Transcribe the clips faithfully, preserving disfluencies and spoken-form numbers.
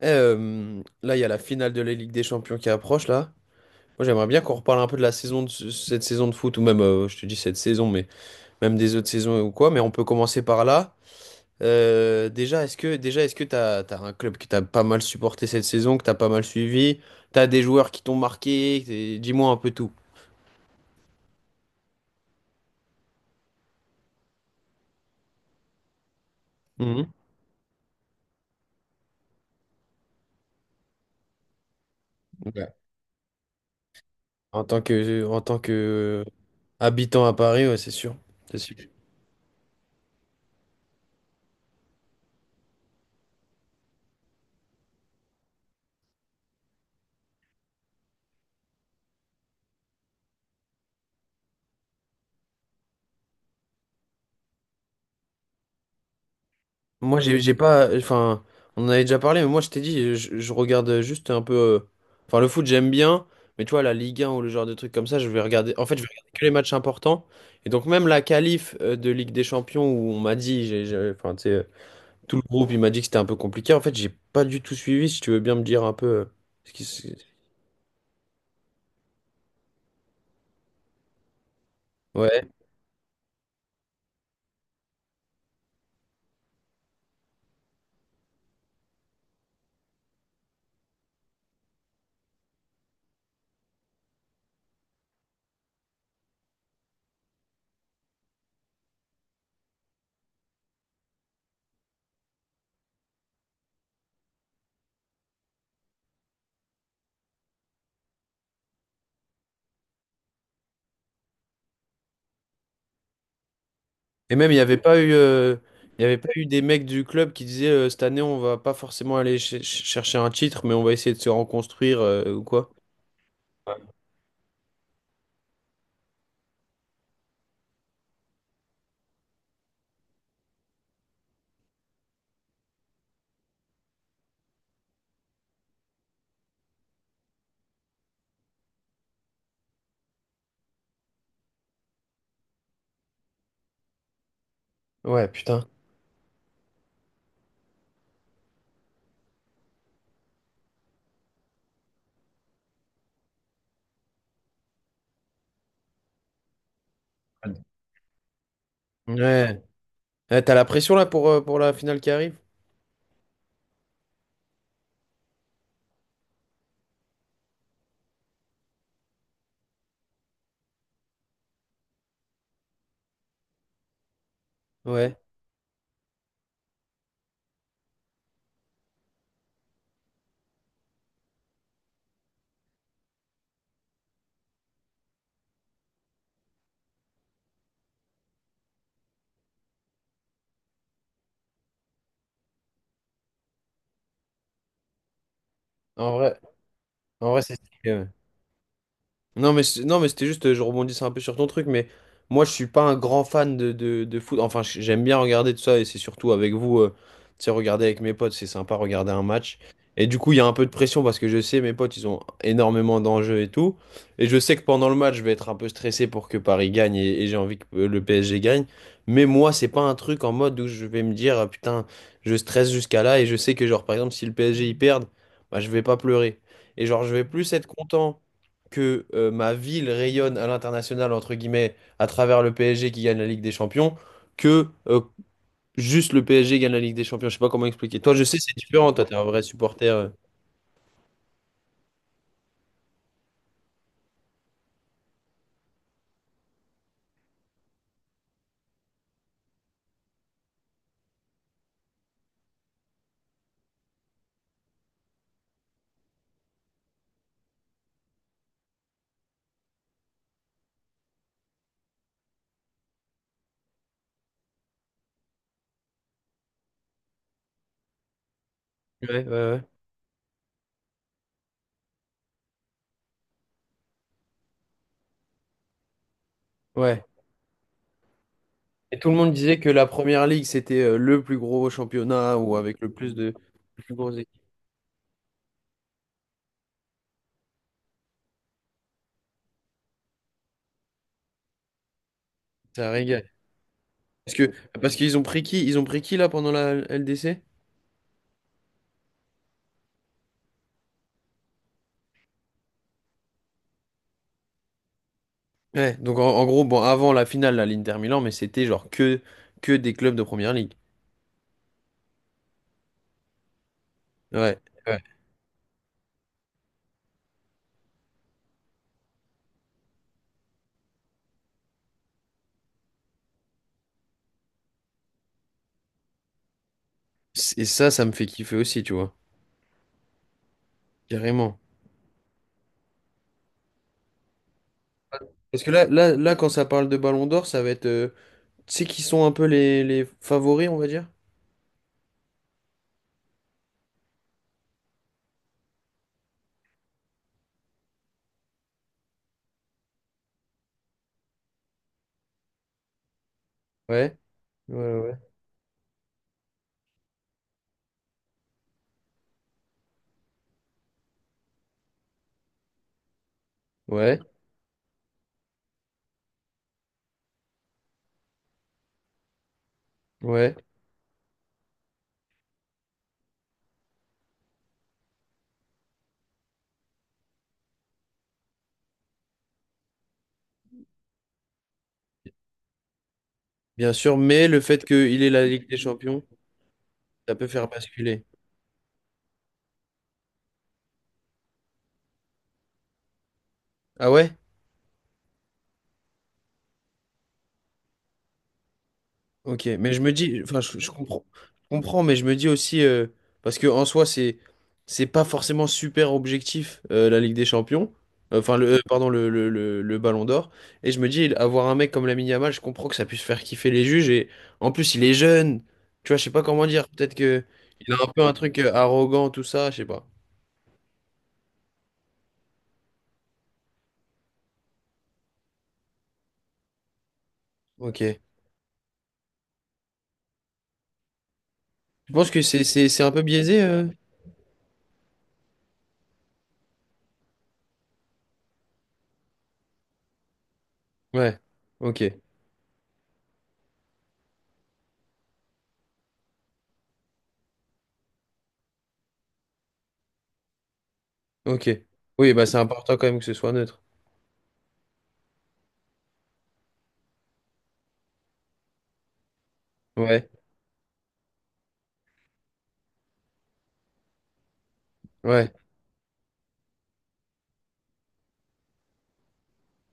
Eh, euh, là, il y a la finale de la Ligue des Champions qui approche, là. Moi, j'aimerais bien qu'on reparle un peu de la saison de ce- cette saison de foot, ou même, euh, je te dis cette saison, mais même des autres saisons ou quoi. Mais on peut commencer par là. Euh, déjà, est-ce que déjà, est-ce que t'as, t'as un club que t'as pas mal supporté cette saison, que t'as pas mal suivi? T'as des joueurs qui t'ont marqué? t'es- Dis-moi un peu tout. Mhm. Ouais. En tant que, en tant que euh, habitant à Paris, ouais, c'est sûr. C'est sûr. Moi, j'ai j'ai pas. Enfin, on en avait déjà parlé, mais moi, je t'ai dit, je, je regarde juste un peu. euh, Enfin, le foot, j'aime bien, mais tu vois, la Ligue un ou le genre de trucs comme ça, je vais regarder. En fait, je vais regarder que les matchs importants. Et donc, même la qualif euh, de Ligue des Champions, où on m'a dit, j'ai, j'ai- enfin, tu sais, euh, tout le groupe, il m'a dit que c'était un peu compliqué. En fait, j'ai pas du tout suivi, si tu veux bien me dire un peu. euh, ce qui se- Ouais. Et même, il n'y avait pas eu. euh, Il y avait pas eu des mecs du club qui disaient euh, cette année on va pas forcément aller ch- ch- chercher un titre mais on va essayer de se reconstruire euh, ou quoi. Ouais, putain. Ouais. Ouais, t'as la pression là pour, euh, pour la finale qui arrive? Ouais. En vrai, en vrai, c'est stylé. Ouais. Non, mais c'est- non, mais c'était juste, euh, je rebondissais un peu sur ton truc, mais moi, je suis pas un grand fan de, de, de foot. Enfin, j- j'aime bien regarder tout ça, et c'est surtout avec vous, euh, tu sais, regarder avec mes potes, c'est sympa, regarder un match. Et du coup, il y a un peu de pression parce que je sais, mes potes, ils ont énormément d'enjeux et tout. Et je sais que pendant le match, je vais être un peu stressé pour que Paris gagne et, et j'ai envie que euh, le P S G gagne. Mais moi, c'est pas un truc en mode où je vais me dire, ah, putain, je stresse jusqu'à là, et je sais que, genre, par exemple, si le P S G y perd, bah, je vais pas pleurer. Et genre, je vais plus être content que euh, ma ville rayonne à l'international, entre guillemets, à travers le P S G qui gagne la Ligue des Champions, que euh, juste le P S G gagne la Ligue des Champions. Je sais pas comment expliquer. Toi, je sais, c'est différent. Toi, t'es un vrai supporter. euh. Ouais, ouais, ouais. Ouais. Et tout le monde disait que la Première Ligue, c'était euh, le plus gros championnat ou avec le plus de les plus grosses équipes. Ça régale. Parce que, Parce qu'ils ont pris qui? Ils ont pris qui là pendant la L D C? Ouais, donc en, en gros, bon, avant la finale, la l'Inter Milan, mais c'était genre que, que des clubs de Première Ligue. Ouais. Et ça, ça me fait kiffer aussi, tu vois. Carrément. Parce que là, là, là, quand ça parle de Ballon d'Or, ça va être. Euh, tu sais qui sont un peu les, les favoris, on va dire? Ouais, ouais, ouais. Ouais, ouais. Bien sûr, mais le fait qu'il ait la Ligue des Champions, ça peut faire basculer. Ah ouais? Ok, mais je me dis, enfin, je, je comprends, je comprends, mais je me dis aussi, euh, parce que en soi, c'est, c'est pas forcément super objectif euh, la Ligue des Champions. Euh, enfin, le, euh, pardon, le, le, le, le Ballon d'Or. Et je me dis, avoir un mec comme Lamine Yamal, je comprends que ça puisse faire kiffer les juges. Et en plus, il est jeune, tu vois, je sais pas comment dire. Peut-être que il a un peu un truc euh, arrogant, tout ça, je sais pas. Ok. Je pense que c'est, c'est, c'est un peu biaisé. euh Ouais. Ok. Ok. Oui, bah c'est important quand même que ce soit neutre. Ouais. Ouais.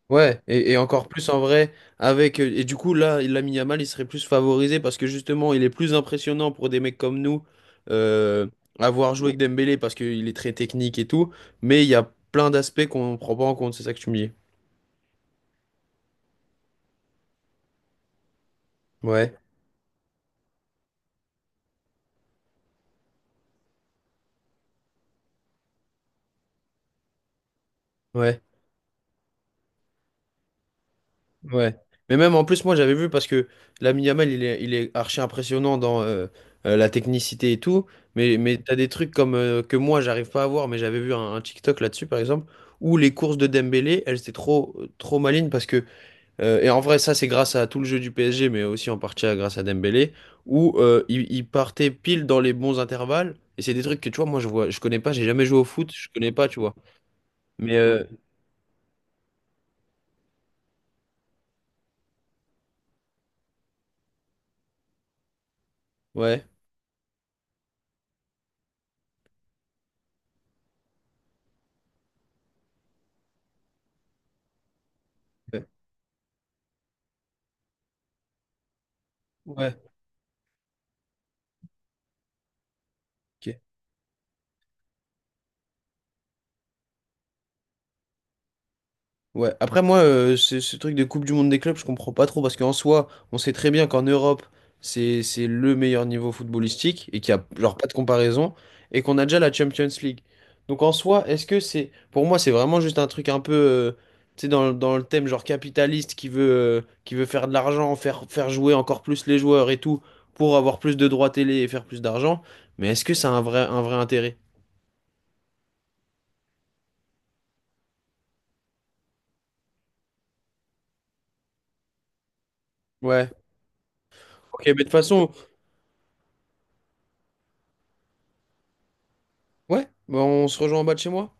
Ouais, et, et encore plus en vrai, avec. euh, Et du coup, là, il Lamine Yamal, il serait plus favorisé parce que justement, il est plus impressionnant pour des mecs comme nous, euh, avoir joué avec Dembélé parce qu'il est très technique et tout, mais il y a plein d'aspects qu'on ne prend pas en compte, c'est ça que tu me dis. Ouais, ouais. Ouais. Mais même en plus, moi j'avais vu parce que Lamine Yamal, il est, il est archi impressionnant dans euh, euh, la technicité et tout. Mais, mais t'as des trucs comme euh, que moi j'arrive pas à voir, mais j'avais vu un, un TikTok là-dessus par exemple, où les courses de Dembélé, elles étaient trop, trop malines parce que, euh, et en vrai, ça c'est grâce à tout le jeu du P S G, mais aussi en partie à- grâce à Dembélé, où euh, il, il partait pile dans les bons intervalles. Et c'est des trucs que tu vois, moi je vois, je connais pas, j'ai jamais joué au foot, je connais pas, tu vois. Mais euh, ouais, ouais, ouais. Ok. Ouais, après moi, euh, ce, ce truc de Coupe du Monde des clubs, je comprends pas trop parce qu'en soi, on sait très bien qu'en Europe, c'est c'est le meilleur niveau footballistique et qu'il y a genre pas de comparaison et qu'on a déjà la Champions League. Donc en soi, est-ce que c'est pour moi, c'est vraiment juste un truc un peu euh, tu sais dans, le- dans le thème genre capitaliste qui veut euh, qui veut faire de l'argent, faire faire jouer encore plus les joueurs et tout pour avoir plus de droits télé et faire plus d'argent, mais est-ce que c'est un vrai un vrai intérêt? Ouais. OK, mais de toute façon, ouais, bah, on se rejoint en bas de chez moi.